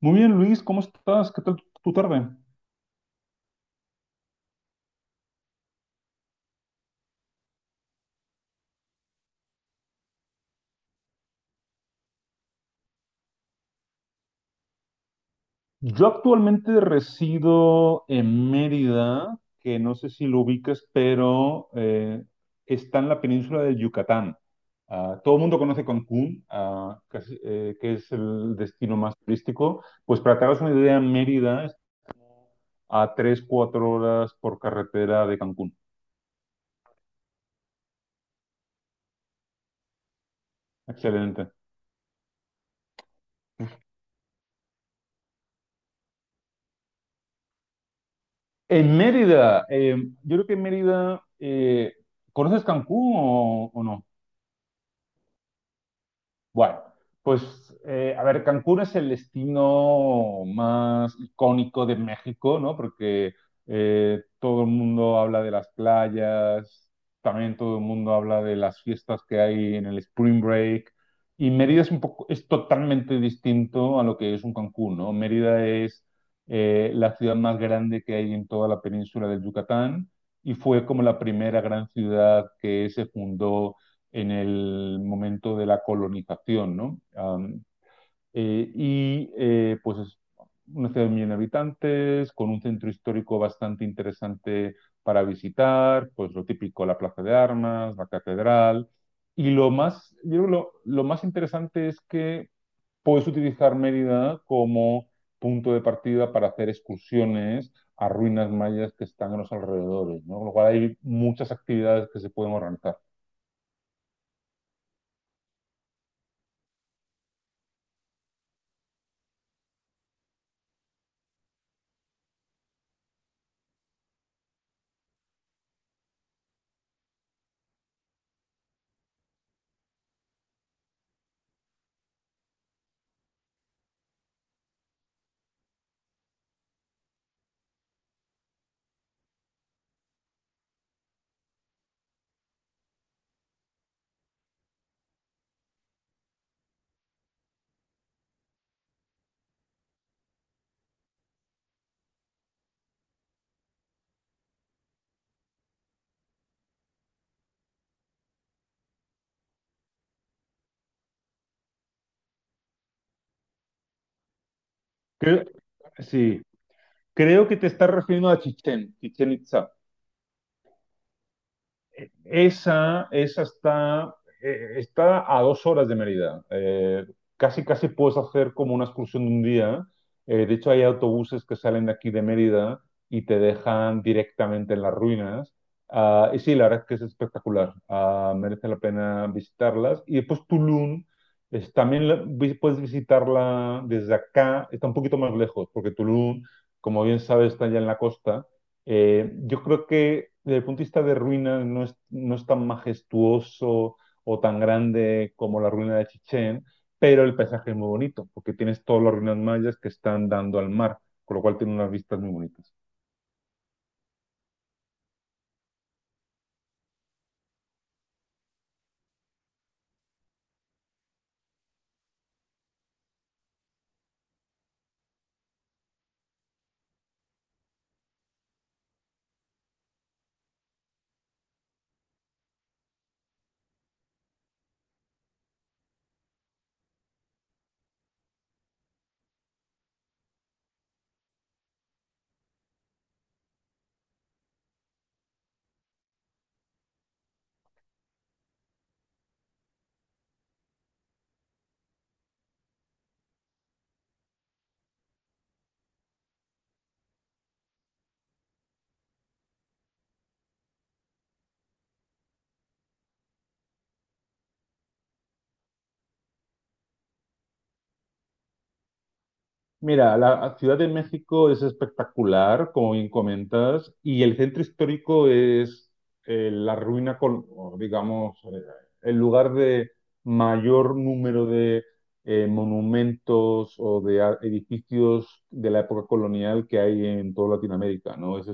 Muy bien, Luis, ¿cómo estás? ¿Qué tal tu tarde? Yo actualmente resido en Mérida, que no sé si lo ubicas, pero está en la península de Yucatán. Ah, todo el mundo conoce Cancún, casi, que es el destino más turístico. Pues para que te hagas una idea, Mérida es a tres cuatro horas por carretera de Cancún. Excelente. En Mérida, yo creo que en Mérida, ¿conoces Cancún o no? Bueno, pues a ver, Cancún es el destino más icónico de México, ¿no? Porque todo el mundo habla de las playas, también todo el mundo habla de las fiestas que hay en el Spring Break. Y Mérida es un poco, es totalmente distinto a lo que es un Cancún, ¿no? Mérida es la ciudad más grande que hay en toda la península del Yucatán y fue como la primera gran ciudad que se fundó en el momento de la colonización, ¿no? Um, y Pues es una ciudad de 1 millón de habitantes, con un centro histórico bastante interesante para visitar, pues lo típico, la Plaza de Armas, la Catedral. Y lo más, yo creo lo más interesante es que puedes utilizar Mérida como punto de partida para hacer excursiones a ruinas mayas que están en los alrededores, ¿no? Con lo cual hay muchas actividades que se pueden organizar. Que, sí, creo que te estás refiriendo a Chichén. Chichén Itzá. Esa está a 2 horas de Mérida. Casi puedes hacer como una excursión de un día. De hecho, hay autobuses que salen de aquí de Mérida y te dejan directamente en las ruinas. Ah, y sí, la verdad es que es espectacular. Ah, merece la pena visitarlas. Y después Tulum, puedes visitarla desde acá. Está un poquito más lejos, porque Tulum, como bien sabes, está ya en la costa. Yo creo que desde el punto de vista de ruinas no es, tan majestuoso o tan grande como la ruina de Chichén, pero el paisaje es muy bonito, porque tienes todas las ruinas mayas que están dando al mar, con lo cual tiene unas vistas muy bonitas. Mira, la Ciudad de México es espectacular, como bien comentas, y el centro histórico es la ruina con, o digamos, el lugar de mayor número de monumentos o de edificios de la época colonial que hay en toda Latinoamérica, ¿no? Es,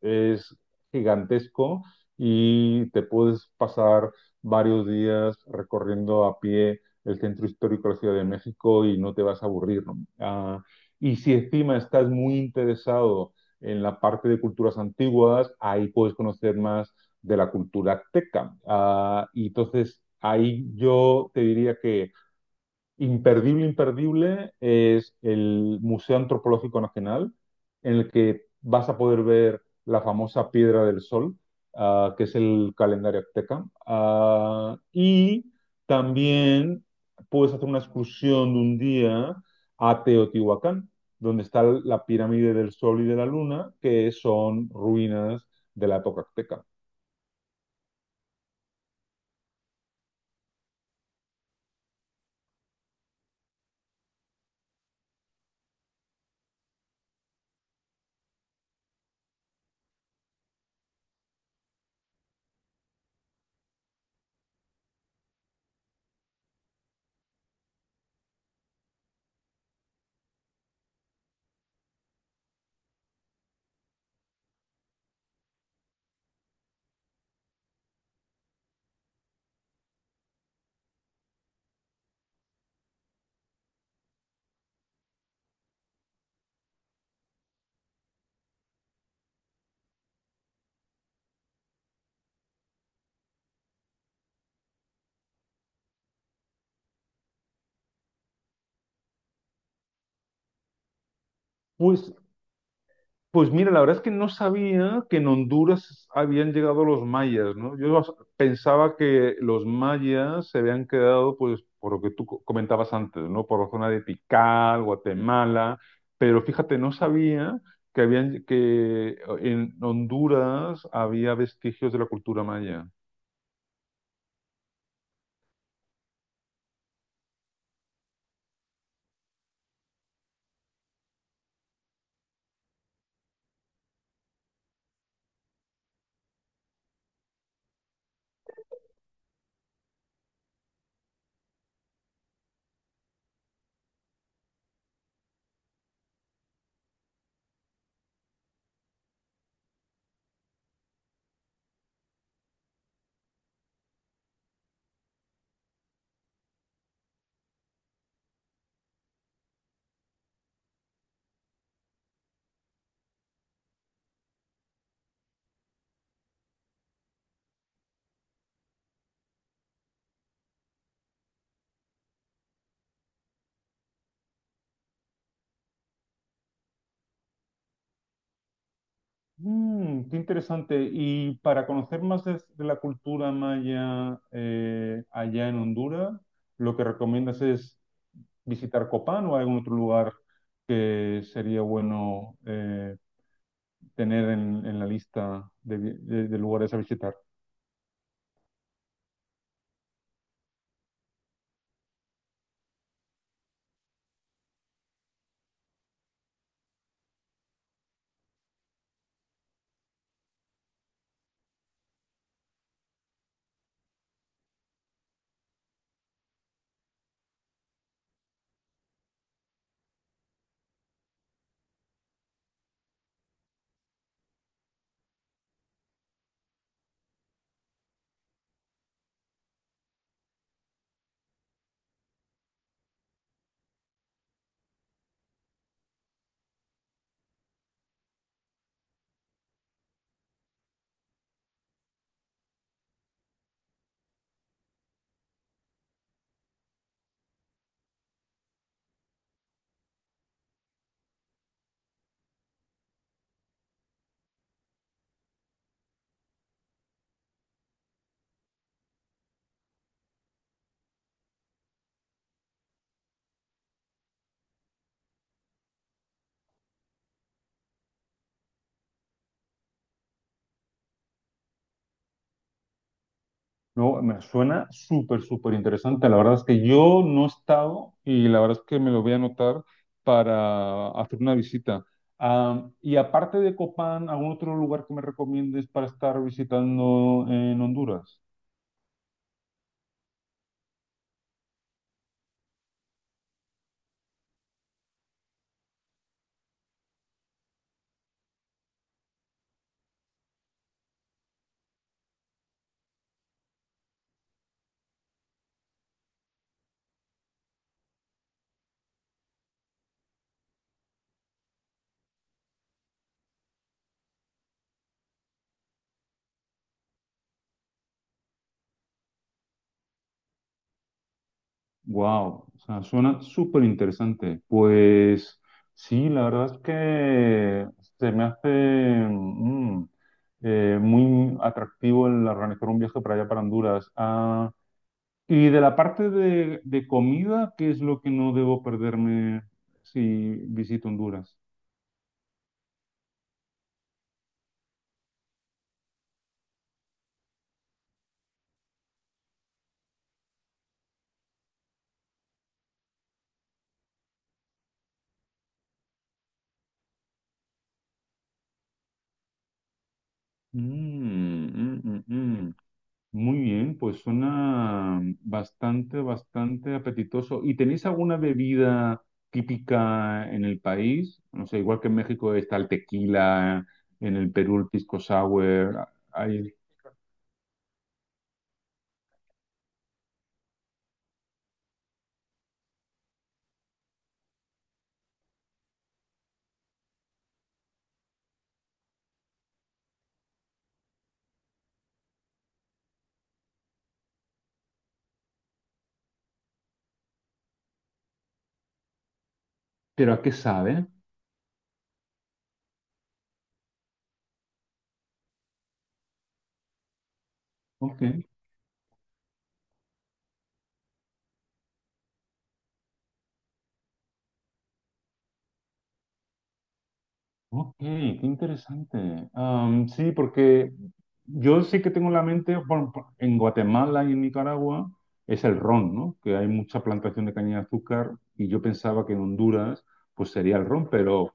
es gigantesco y te puedes pasar varios días recorriendo a pie el centro histórico de la Ciudad de México y no te vas a aburrir, ¿no? Ah, y si encima estás muy interesado en la parte de culturas antiguas, ahí puedes conocer más de la cultura azteca. Ah, y entonces ahí yo te diría que imperdible, imperdible es el Museo Antropológico Nacional, en el que vas a poder ver la famosa Piedra del Sol, ah, que es el calendario azteca. Ah, y también puedes hacer una excursión de un día a Teotihuacán, donde está la pirámide del Sol y de la Luna, que son ruinas de la época azteca. Pues Pues mira, la verdad es que no sabía que en Honduras habían llegado los mayas, ¿no? Yo pensaba que los mayas se habían quedado, pues, por lo que tú comentabas antes, ¿no? Por la zona de Tikal, Guatemala, pero fíjate, no sabía que en Honduras había vestigios de la cultura maya. Mm, qué interesante. Y para conocer más de la cultura maya, allá en Honduras, ¿lo que recomiendas es visitar Copán o hay algún otro lugar que sería bueno, tener en la lista de lugares a visitar? No, me suena súper, súper interesante. La verdad es que yo no he estado y la verdad es que me lo voy a anotar para hacer una visita. Ah, y aparte de Copán, ¿algún otro lugar que me recomiendes para estar visitando en Honduras? Wow, o sea, suena súper interesante. Pues sí, la verdad es que se me hace mm, muy atractivo el organizar un viaje para allá, para Honduras. Ah, y de la parte de comida, ¿qué es lo que no debo perderme si visito Honduras? Mm, mm, mm, mm. Muy bien, pues suena bastante, bastante apetitoso. ¿Y tenéis alguna bebida típica en el país? No sé, igual que en México está el tequila, en el Perú el pisco sour. ¿Pero a qué sabe? Ok, ok, qué interesante. Sí, porque yo sí que tengo en la mente, bueno, en Guatemala y en Nicaragua es el ron, ¿no? Que hay mucha plantación de caña de azúcar y yo pensaba que en Honduras pues sería el ron, pero...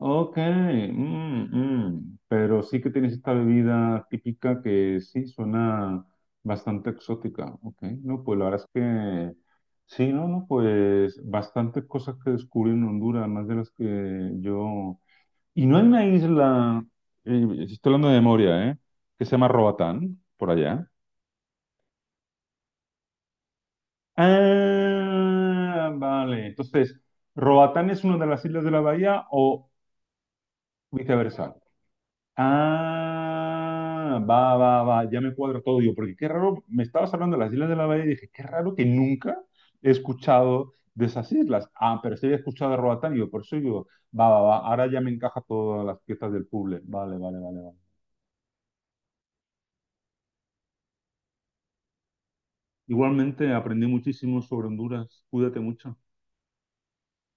Ok, mm, mm. Pero sí que tienes esta bebida típica que sí suena bastante exótica. Ok, no, pues la verdad es que sí, no, no, pues bastantes cosas que descubrí en Honduras, más de las que yo. Y no hay una isla, estoy hablando de memoria, ¿eh? Que se llama Roatán, por allá. Ah, vale. Entonces, ¿Roatán es una de las islas de la bahía o viceversa? Ah, va, va, va, ya me cuadra todo. Yo, porque qué raro, me estabas hablando de las Islas de la Bahía y dije, qué raro que nunca he escuchado de esas islas. Ah, pero sí había escuchado de Roatán, y yo, por eso yo, va, va, va, ahora ya me encaja todas las piezas del puzzle. Vale, vale, vale, vale. Igualmente aprendí muchísimo sobre Honduras. Cuídate mucho.